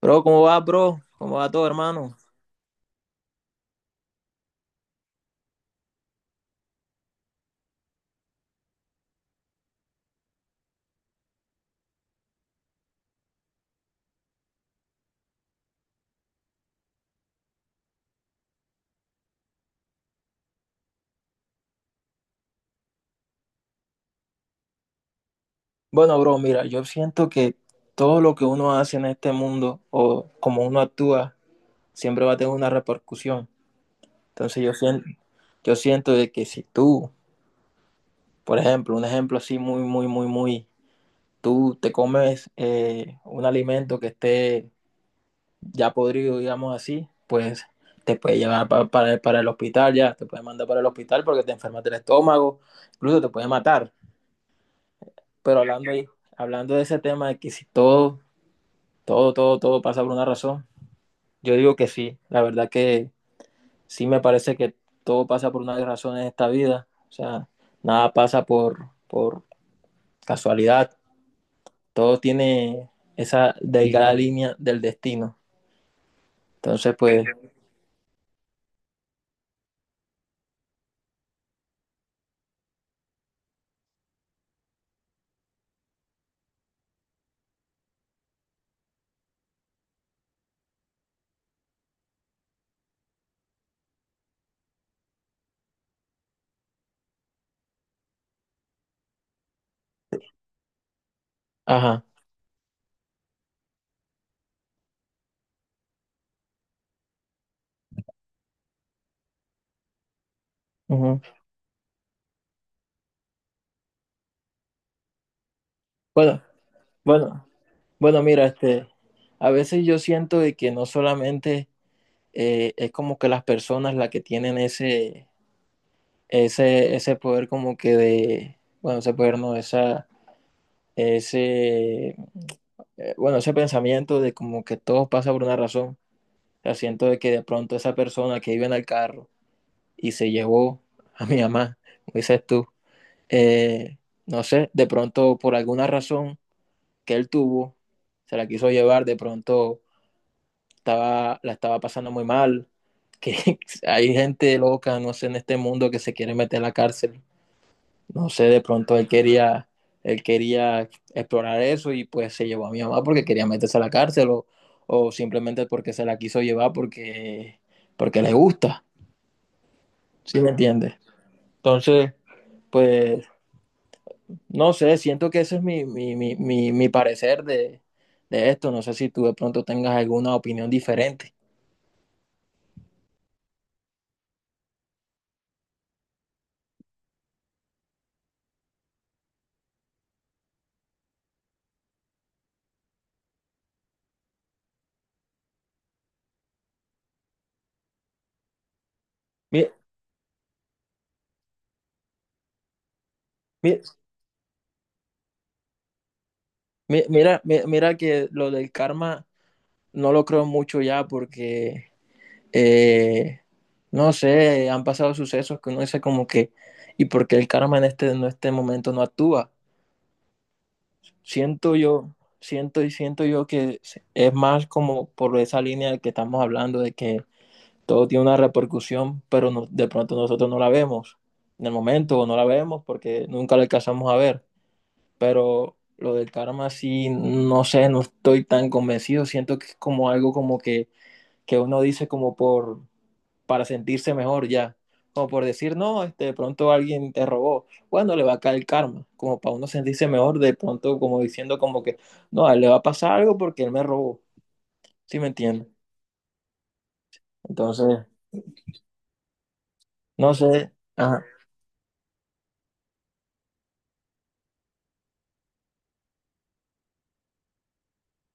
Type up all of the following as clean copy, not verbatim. Bro? ¿Cómo va todo, hermano? Bueno, bro, mira, yo siento que todo lo que uno hace en este mundo o como uno actúa, siempre va a tener una repercusión. Entonces yo siento de que si tú, por ejemplo, un ejemplo así muy, muy, muy, muy, tú te comes un alimento que esté ya podrido, digamos así, pues te puede llevar para el hospital ya, te puede mandar para el hospital porque te enfermas del estómago, incluso te puede matar. Pero hablando ahí, hablando de ese tema de que si todo pasa por una razón, yo digo que sí. La verdad que sí me parece que todo pasa por una razón en esta vida. O sea, nada pasa por casualidad. Todo tiene esa delgada línea del destino. Entonces, pues, ajá. Ujú. Bueno, bueno, bueno, mira, este, a veces yo siento de que no solamente es como que las personas las que tienen ese poder como que de, bueno, ese poder no, esa, ese, bueno, ese pensamiento de como que todo pasa por una razón. O sea, siento de que de pronto esa persona que iba en el carro y se llevó a mi mamá, como dices tú, eh, no sé, de pronto por alguna razón que él tuvo, se la quiso llevar, de pronto estaba, la estaba pasando muy mal, que hay gente loca, no sé, en este mundo que se quiere meter a la cárcel. No sé, de pronto él quería explorar eso y pues se llevó a mi mamá porque quería meterse a la cárcel o simplemente porque se la quiso llevar porque, porque le gusta, ¿sí me entiendes? Entonces, pues, no sé, siento que ese es mi parecer de esto. No sé si tú de pronto tengas alguna opinión diferente. Mi- mi- Mira, que lo del karma no lo creo mucho ya porque eh, no sé, han pasado sucesos que uno dice como que, ¿y por qué el karma en este momento no actúa? Siento yo, siento yo que es más como por esa línea de que estamos hablando, de que todo tiene una repercusión, pero no, de pronto nosotros no la vemos en el momento o no la vemos porque nunca la alcanzamos a ver, pero lo del karma sí, no sé, no estoy tan convencido, siento que es como algo como que uno dice como por, para sentirse mejor ya. Como por decir, no, este, de pronto alguien te robó. Bueno, le va a caer el karma. Como para uno sentirse mejor, de pronto como diciendo como que, no, a él le va a pasar algo porque él me robó. ¿Sí me entiendes? Entonces, no sé. Ajá.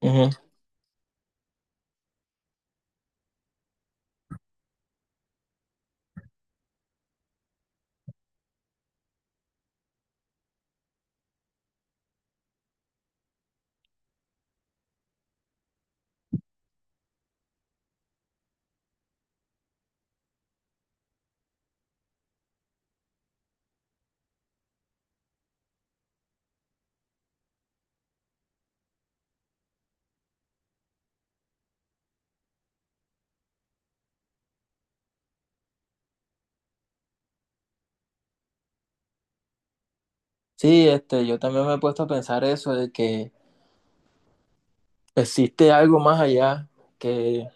Ujú. Sí, este, yo también me he puesto a pensar eso, de que existe algo más allá que,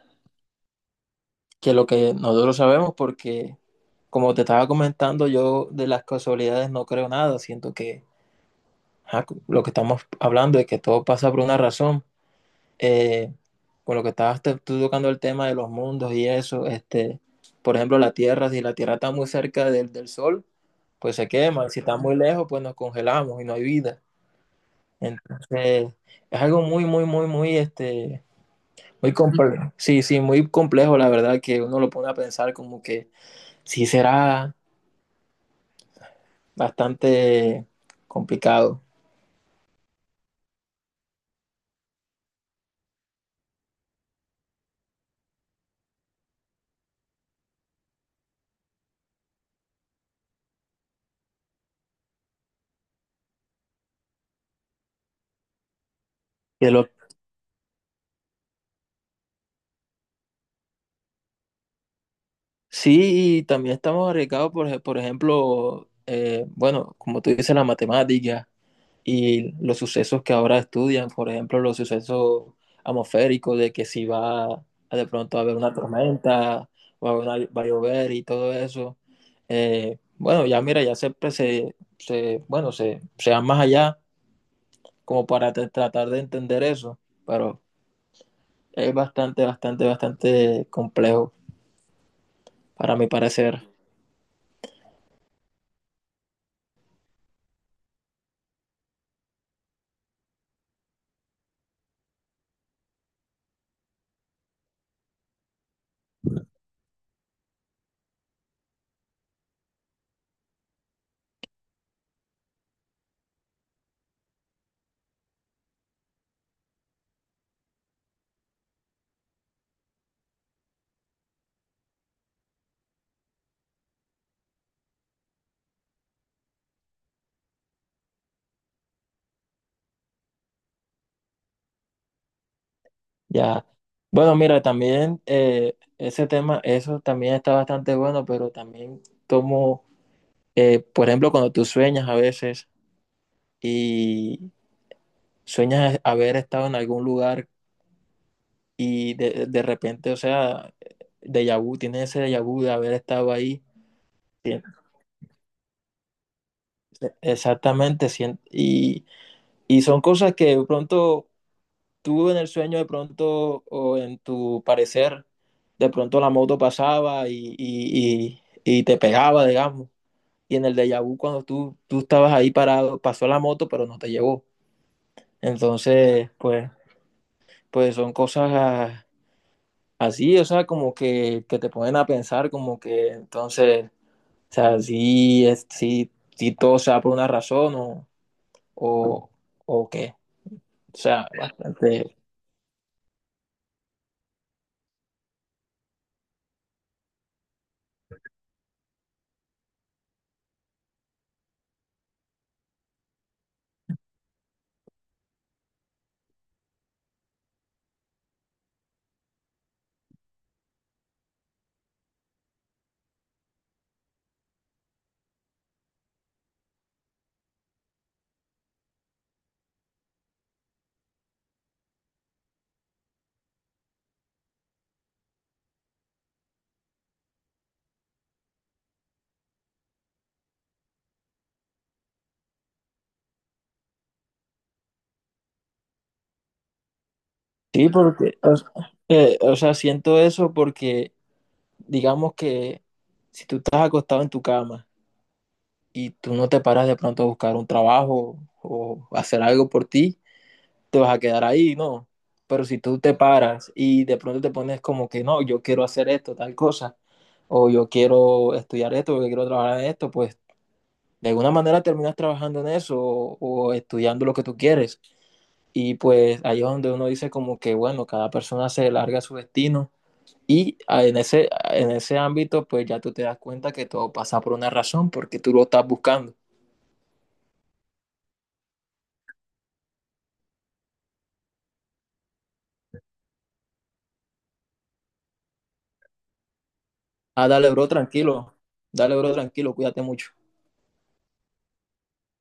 que lo que nosotros sabemos, porque como te estaba comentando, yo de las casualidades no creo nada, siento que ajá, lo que estamos hablando es que todo pasa por una razón. Eh, con lo que tú tocando el tema de los mundos y eso, este, por ejemplo, la Tierra, si la Tierra está muy cerca del Sol, pues se quema, si está muy lejos, pues nos congelamos y no hay vida. Entonces, es algo muy, muy, muy, muy, este, muy complejo. Sí, sí, muy complejo, la verdad, que uno lo pone a pensar como que sí será bastante complicado. De lo Sí, y también estamos arriesgados, por ejemplo, bueno, como tú dices, la matemática y los sucesos que ahora estudian, por ejemplo, los sucesos atmosféricos de que si va a, de pronto a haber una tormenta o a haber va a llover y todo eso. Bueno, ya mira, ya siempre bueno, se va más allá como para tratar de entender eso, pero es bastante, bastante, bastante complejo para mi parecer. Ya. Bueno, mira, también ese tema, eso también está bastante bueno, pero también como, por ejemplo, cuando tú sueñas a veces y sueñas haber estado en algún lugar y de repente, o sea, déjà vu, tienes ese déjà vu de haber estado ahí. Sí, exactamente, y son cosas que de pronto tú en el sueño de pronto o en tu parecer, de pronto la moto pasaba y, y te pegaba, digamos. Y en el déjà vu, cuando tú estabas ahí parado, pasó la moto, pero no te llevó. Entonces, pues, pues son cosas ah, así, o sea, como que te ponen a pensar, como que entonces, o sea, sí es, sí sí todo se da por una razón o, o qué. O sea, bastante, sí, porque, o sea, siento eso porque, digamos que si tú estás acostado en tu cama y tú no te paras de pronto a buscar un trabajo o hacer algo por ti, te vas a quedar ahí, ¿no? Pero si tú te paras y de pronto te pones como que, no, yo quiero hacer esto, tal cosa, o yo quiero estudiar esto, porque quiero trabajar en esto, pues de alguna manera terminas trabajando en eso o estudiando lo que tú quieres. Y pues ahí es donde uno dice como que, bueno, cada persona se larga su destino. Y ah, en ese ámbito, pues ya tú te das cuenta que todo pasa por una razón, porque tú lo estás buscando. Ah, dale, bro, tranquilo. Dale, bro, tranquilo, cuídate mucho.